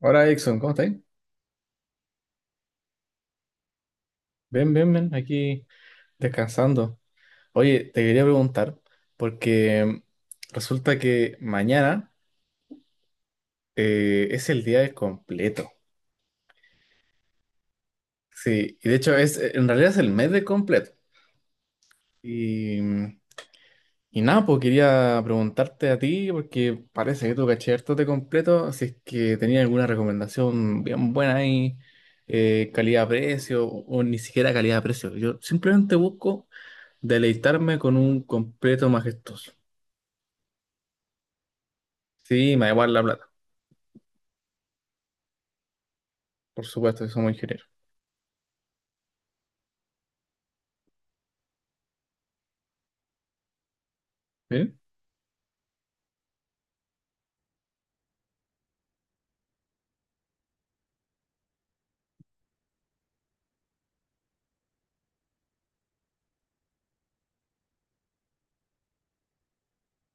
Hola, Exxon, ¿cómo estáis? Ven, ven, ven, aquí. Descansando. Oye, te quería preguntar, porque resulta que mañana es el día del completo. Sí, y de hecho es, en realidad es el mes del completo. Y nada, pues quería preguntarte a ti, porque parece que tú caché harto de completo, si es que tenías alguna recomendación bien buena ahí, calidad-precio, o ni siquiera calidad-precio. Yo simplemente busco deleitarme con un completo majestuoso. Sí, me da igual la plata. Por supuesto que somos ingenieros. ¿Eh?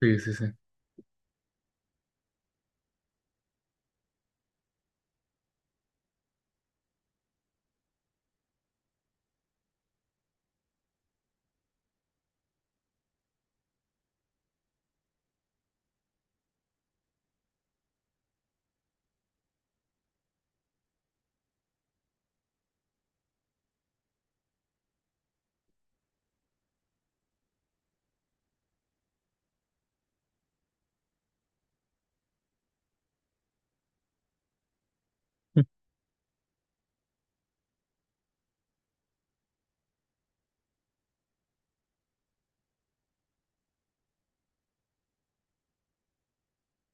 Sí, sí, sí.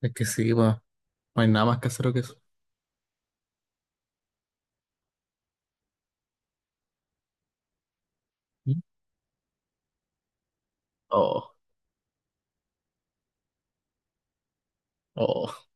Es que sí, bueno, no hay nada más casero que eso. ¿Mm? Oh, oh.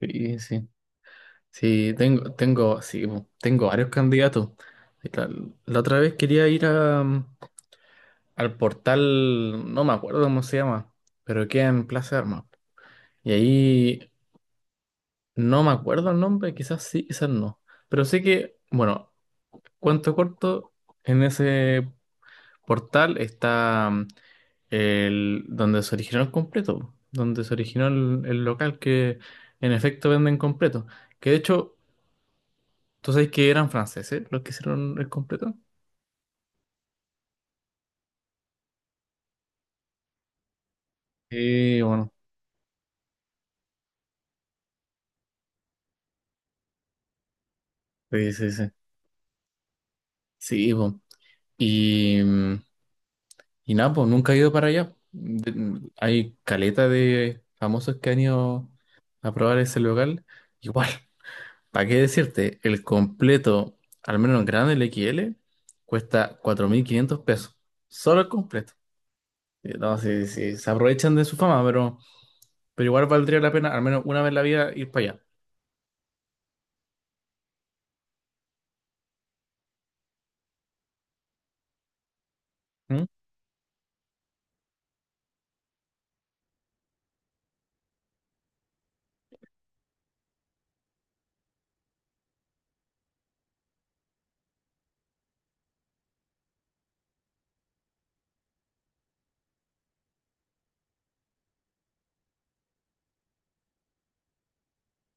Sí, sí. Sí, tengo, sí, po, tengo varios candidatos. La la otra vez quería ir a, al portal, no me acuerdo cómo se llama, pero queda en Plaza de Armas. Y ahí no me acuerdo el nombre, quizás sí, quizás no. Pero sé que, bueno, cuento corto, en ese portal está, el donde se originó el completo, donde se originó el local que en efecto venden completo. Que de hecho, tú sabes que eran franceses los que hicieron el completo. Sí, bueno, sí, sí, sí. Sí, po. Y, y nada, pues nunca he ido para allá. De- hay caleta de famosos que han ido a probar ese local. Igual. ¿Para qué decirte? El completo, al menos en grande, el XL, cuesta 4.500 pesos. Solo el completo. No, si se aprovechan de su fama, pero igual valdría la pena, al menos una vez en la vida, ir para allá. ¿Mm?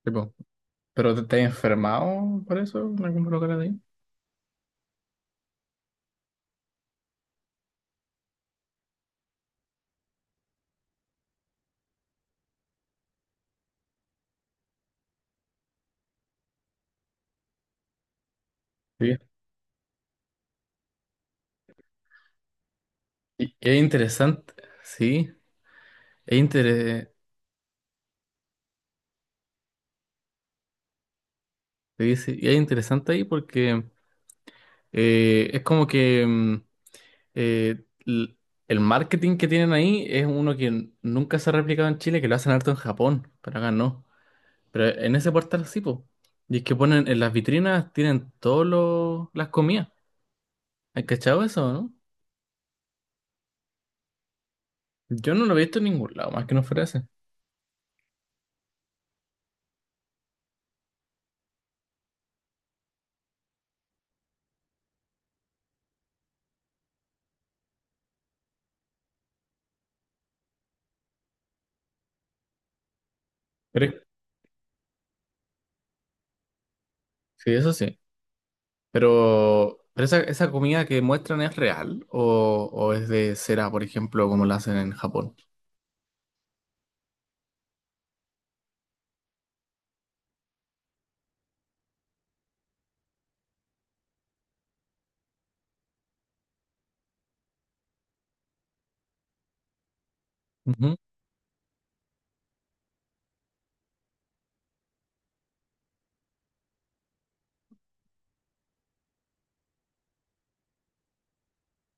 Tipo, ¿pero te enfermado por eso en algún lugar ahí? Sí. Y es interesante, sí, es, sí, sí, y es interesante ahí porque es como que, eh, l- el marketing que tienen ahí es uno que nunca se ha replicado en Chile, que lo hacen harto en Japón, pero acá no. Pero en ese portal sí, po. Y es que ponen en las vitrinas, tienen todas las comidas. ¿Has cachado eso, no? Yo no lo he visto en ningún lado, más que no fuera ese. Pero, sí, eso sí. ¿Pero esa comida que muestran es real o es de cera, por ejemplo, como la hacen en Japón? Ujú.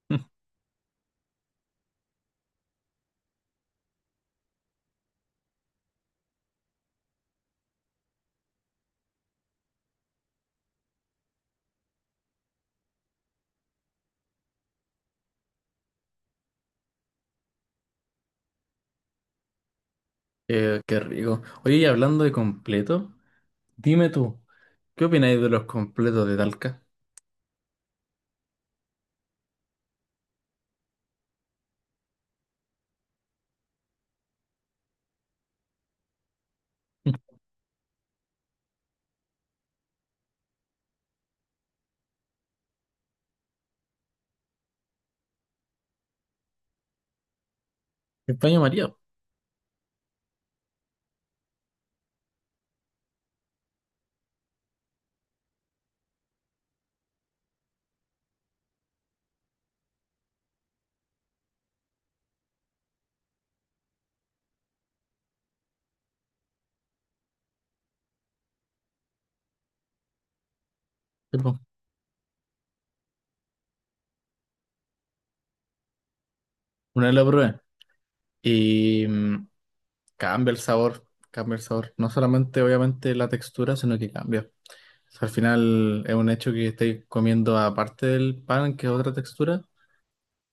Qué rico. Oye, y hablando de completo. Dime tú, ¿qué opináis de los completos de Talca? El paño María, sí, po. Una vez lo probé y, cambia el sabor, cambia el sabor. No solamente, obviamente, la textura, sino que cambia. O sea, al final es un hecho que estáis comiendo, aparte del pan, que es otra textura,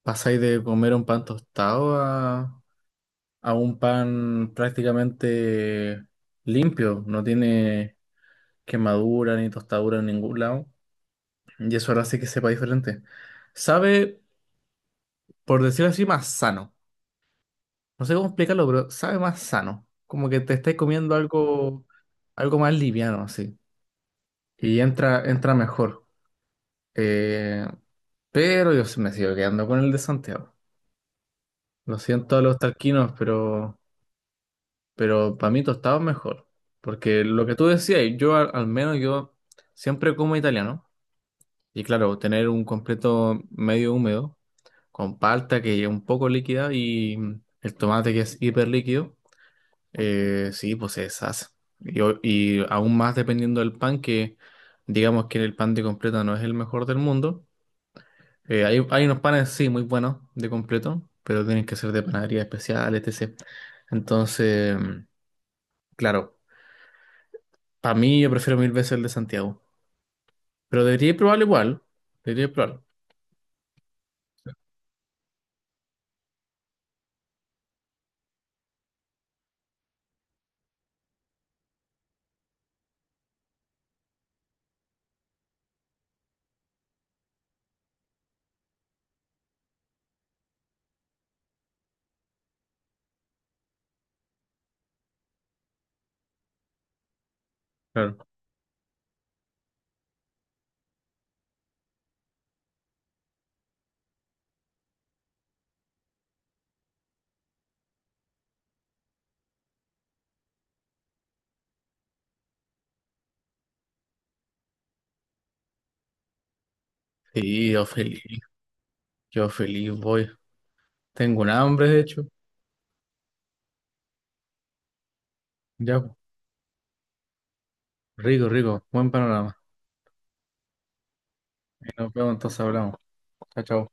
pasáis de comer un pan tostado a un pan prácticamente limpio. No tiene quemadura ni tostadura en ningún lado. Y eso ahora sí que sepa diferente. Sabe, por decirlo así, más sano. No sé cómo explicarlo, pero sabe más sano. Como que te estáis comiendo algo, algo más liviano, así. Y entra, entra mejor. Eh, pero yo sí me sigo quedando con el de Santiago. Lo siento a los talquinos, pero para mí tostado es mejor. Porque lo que tú decías, yo al, al menos yo siempre como italiano. Y claro, tener un completo medio húmedo, con palta que es un poco líquida y el tomate que es hiper líquido. Sí, pues es sas. Y, y aún más dependiendo del pan, que digamos que el pan de completo no es el mejor del mundo. Hay, hay unos panes, sí, muy buenos de completo, pero tienen que ser de panadería especial, etc. Entonces, claro, para mí yo prefiero 1000 veces el de Santiago. Pero debería probarlo igual. Debería probarlo. Claro. Sí, yo feliz. Yo feliz voy. Tengo un hambre, de hecho. Ya, rico, rico. Buen panorama. Nos vemos, entonces hablamos. Chao, chao.